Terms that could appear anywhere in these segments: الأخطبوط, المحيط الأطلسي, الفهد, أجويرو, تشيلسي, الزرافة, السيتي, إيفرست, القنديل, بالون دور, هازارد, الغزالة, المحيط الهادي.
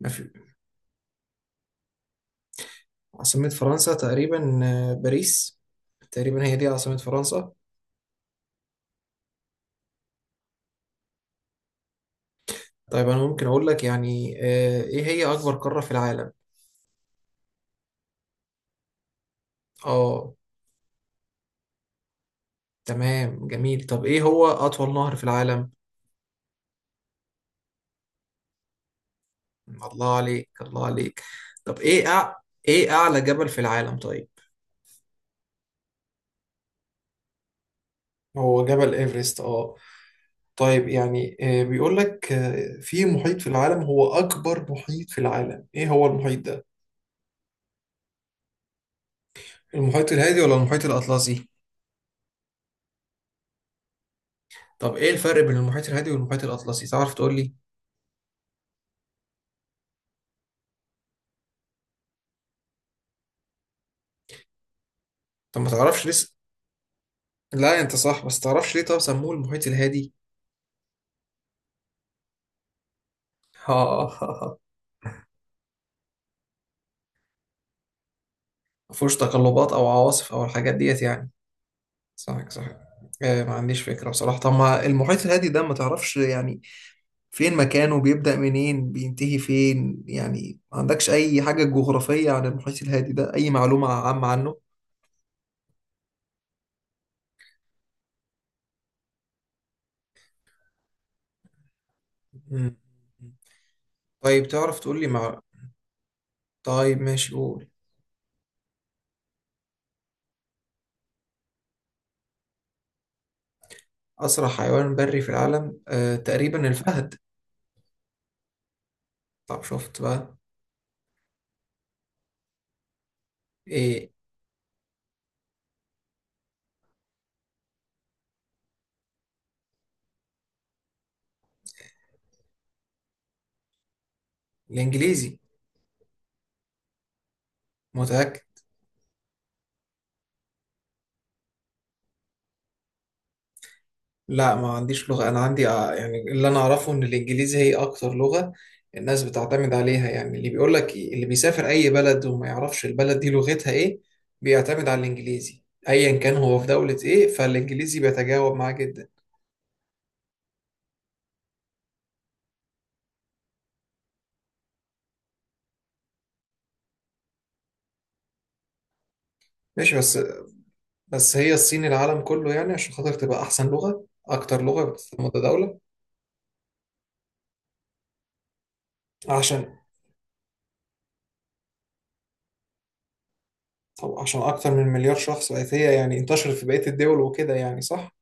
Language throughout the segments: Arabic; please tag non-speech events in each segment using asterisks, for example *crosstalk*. ما في عاصمة فرنسا تقريبا باريس. تقريبا هي دي عاصمة فرنسا. طيب أنا ممكن أقول لك يعني إيه هي أكبر قارة في العالم؟ آه، تمام، جميل. طب إيه هو أطول نهر في العالم؟ الله عليك الله عليك. طب إيه أعلى جبل في العالم طيب؟ هو جبل إيفرست. آه، طيب يعني بيقول لك في محيط في العالم هو أكبر محيط في العالم، إيه هو المحيط ده؟ المحيط الهادي ولا المحيط الأطلسي؟ طب ايه الفرق بين المحيط الهادي والمحيط الاطلسي، تعرف تقول لي؟ طب ما تعرفش لسه. لا انت صح، بس تعرفش ليه طب سموه المحيط الهادي. *laughs* ها. مفهوش تقلبات او عواصف او الحاجات ديت يعني. صح، صح. آه، ما عنديش فكرة بصراحة. طب ما المحيط الهادي ده ما تعرفش يعني فين مكانه، بيبدأ منين بينتهي فين؟ يعني ما عندكش اي حاجة جغرافية عن المحيط الهادي ده، اي معلومة عامة عنه؟ مم. طيب تعرف تقول لي مع... طيب ماشي قول. أسرع حيوان بري في العالم تقريبا الفهد. طب شفت بقى. إيه؟ الإنجليزي. متأكد. لا، ما عنديش لغة. أنا عندي يعني اللي أنا أعرفه إن الإنجليزي هي أكتر لغة الناس بتعتمد عليها. يعني اللي بيقول لك اللي بيسافر أي بلد وما يعرفش البلد دي لغتها إيه بيعتمد على الإنجليزي. أيا كان هو في دولة إيه فالإنجليزي بيتجاوب معاه جدا. ماشي بس. بس هي الصين، العالم كله يعني عشان خاطر تبقى أحسن لغة، أكتر لغة بتستخدم متداولة. عشان. طب عشان اكتر من مليار شخص بقت هي يعني انتشرت في بقية الدول وكده يعني؟ صح.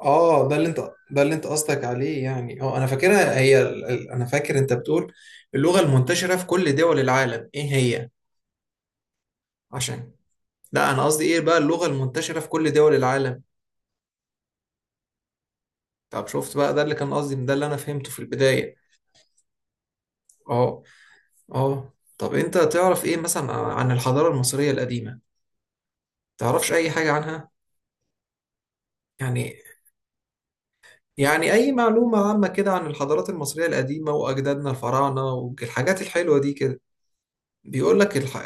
اه، ده اللي انت قصدك عليه، يعني اه انا فاكرها هي انا فاكر انت بتقول اللغة المنتشرة في كل دول العالم ايه هي. عشان. لا انا قصدي ايه بقى اللغة المنتشرة في كل دول العالم. طب شفت بقى، ده اللي كان قصدي، ده اللي انا فهمته في البداية. اه. اه، طب انت تعرف ايه مثلا عن الحضارة المصرية القديمة؟ تعرفش اي حاجة عنها يعني؟ يعني أي معلومة عامة كده عن الحضارات المصرية القديمة وأجدادنا الفراعنة والحاجات الحلوة دي كده. بيقول لك الح...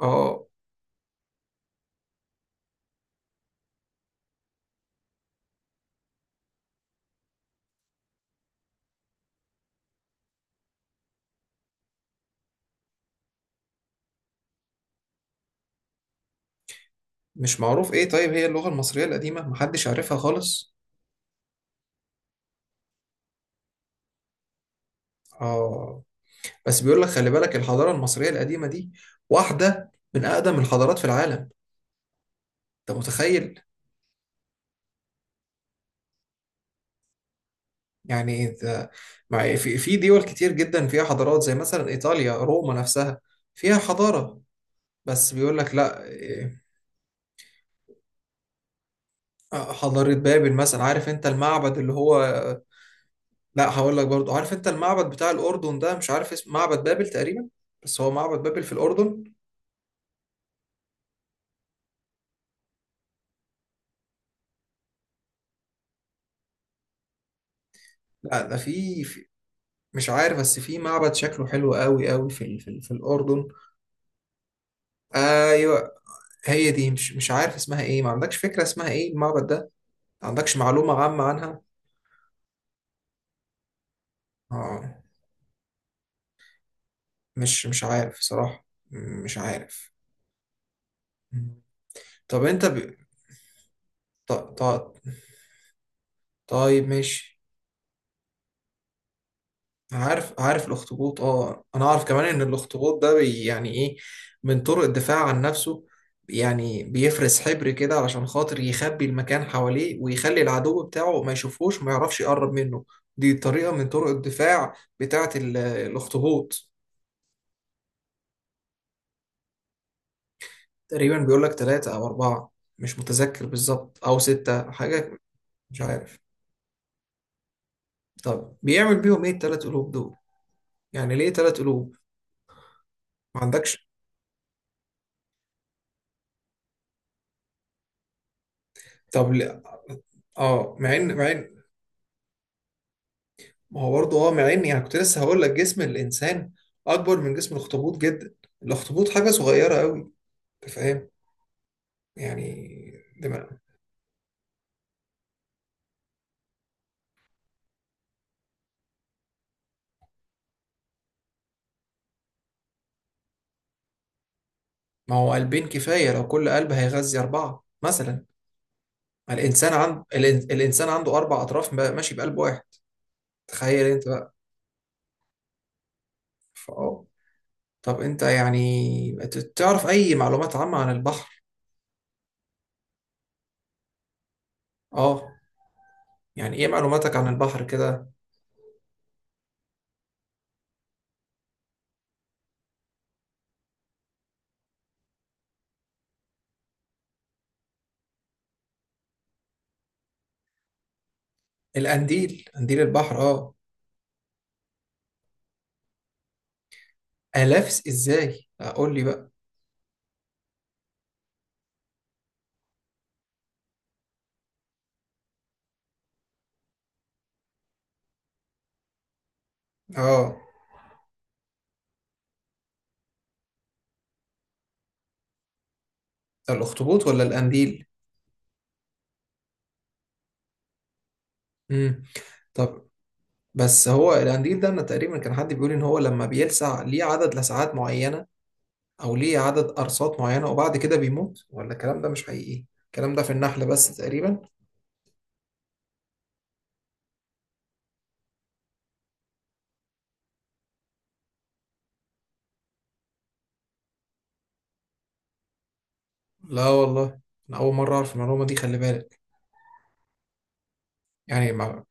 آه، مش معروف إيه؟ طيب هي اللغة المصرية القديمة محدش عارفها خالص. آه، بس بيقول لك خلي بالك الحضارة المصرية القديمة دي واحدة من أقدم الحضارات في العالم. أنت متخيل؟ يعني أنت. مع في في دول كتير جدا فيها حضارات زي مثلا إيطاليا، روما نفسها فيها حضارة. بس بيقول لك لا آه، حضارة بابل مثلا. عارف انت المعبد اللي هو؟ لا، هقول لك برضو، عارف انت المعبد بتاع الاردن ده؟ مش عارف اسمه، معبد بابل تقريبا. بس هو معبد بابل في الاردن. لا، ده مش عارف، بس في معبد شكله حلو قوي قوي في في الاردن. ايوه. هي دي مش عارف اسمها ايه. ما عندكش فكره اسمها ايه المعبد ده؟ ما عندكش معلومه عامه عنها؟ اه، مش عارف صراحه. مش عارف. طب انت ب... ط... ط... طيب ماشي. أنا عارف الاخطبوط. اه، انا اعرف كمان ان الاخطبوط ده يعني ايه، من طرق الدفاع عن نفسه، يعني بيفرز حبر كده علشان خاطر يخبي المكان حواليه ويخلي العدو بتاعه ما يشوفوش وما يعرفش يقرب منه. دي طريقة من طرق الدفاع بتاعة الاخطبوط. تقريبا بيقول لك ثلاثة او اربعة، مش متذكر بالظبط، او ستة حاجة. مش عارف. طب بيعمل بيهم ايه التلات قلوب دول؟ يعني ليه تلات قلوب؟ ما عندكش. طب ل- اه، مع ان ما هو برضه. اه، مع ان يعني كنت لسه هقول لك جسم الانسان اكبر من جسم الاخطبوط جدا. الاخطبوط حاجه صغيره قوي. انت فاهم يعني؟ ده ما ما هو قلبين كفايه لو كل قلب هيغذي اربعه مثلا. ما الانسان الانسان عنده اربع اطراف ماشي بقلب واحد. تخيل انت بقى. فاه. طب انت يعني تعرف اي معلومات عامه عن البحر؟ اه، يعني ايه معلوماتك عن البحر كده؟ قنديل البحر، اه. الاف؟ ازاي؟ اقول لي بقى. اه، الاخطبوط ولا القنديل؟ امم. طب بس هو القنديل ده انا تقريبا كان حد بيقول ان هو لما بيلسع ليه عدد لسعات معينة، او ليه عدد قرصات معينة وبعد كده بيموت. ولا الكلام ده مش حقيقي؟ الكلام ده في النحل بس تقريبا. لا والله، انا اول مرة اعرف المعلومة دي، خلي بالك يعني. ما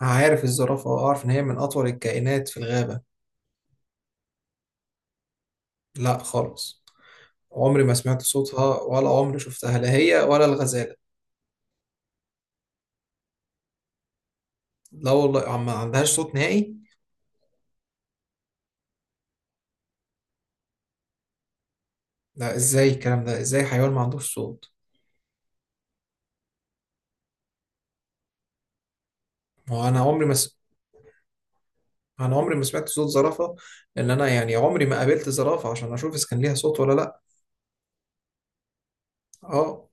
عارف الزرافة، واعرف ان هي من اطول الكائنات في الغابة. لا خالص، عمري ما سمعت صوتها ولا عمري شفتها، لا هي ولا الغزالة. لا والله، ما عندهاش صوت نهائي. لا، ازاي الكلام ده؟ ازاي حيوان ما عندوش صوت؟ ما هو انا عمري ما س... انا عمري ما سمعت صوت زرافه. انا يعني عمري ما قابلت زرافه عشان اشوف اذا كان ليها صوت ولا لا. اه.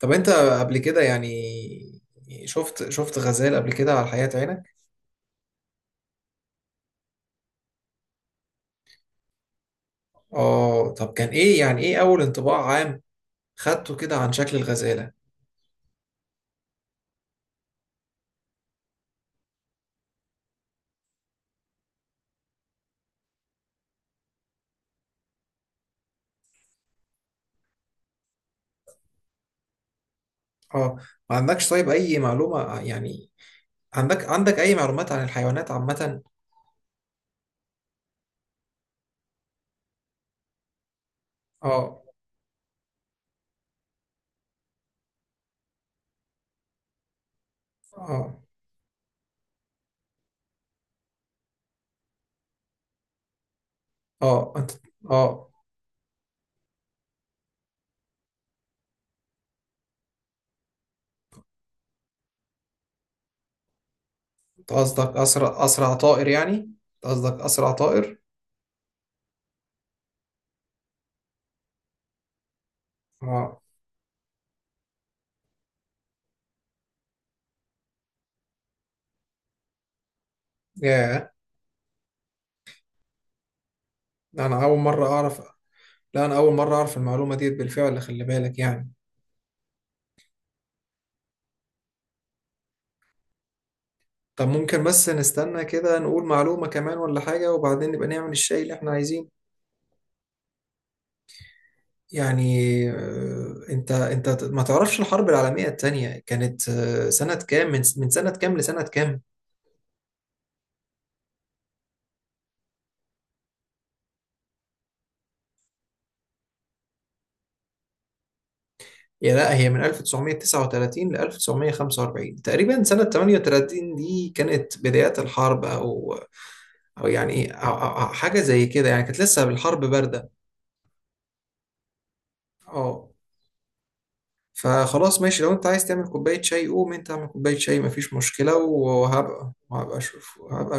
طب انت قبل كده يعني شفت غزال قبل كده على حياة عينك؟ اه، طب كان ايه يعني، ايه اول انطباع عام خدته كده عن شكل الغزاله؟ اه، ما عندكش طيب اي معلومه يعني؟ عندك اي معلومات عن الحيوانات عامه؟ اه، اه، اه. انت. اه. أنت قصدك اسرع طائر يعني؟ قصدك اسرع طائر. اه. ياه، انا اول مره اعرف. لا، انا اول مره اعرف المعلومه ديت بالفعل، خلي بالك يعني. طب ممكن بس نستنى كده، نقول معلومه كمان ولا حاجه وبعدين نبقى نعمل الشيء اللي احنا عايزينه. يعني انت ما تعرفش الحرب العالميه التانية كانت سنه كام؟ من سنه كام لسنه كام؟ يا لا، هي من 1939 ل 1945 تقريبا. سنه 38 دي كانت بدايات الحرب او، او يعني أو حاجه زي كده يعني، كانت لسه الحرب بارده. اه، فخلاص ماشي، لو انت عايز تعمل كوباية شاي قوم انت اعمل كوباية شاي، مفيش مشكلة، وهبقى اشوف.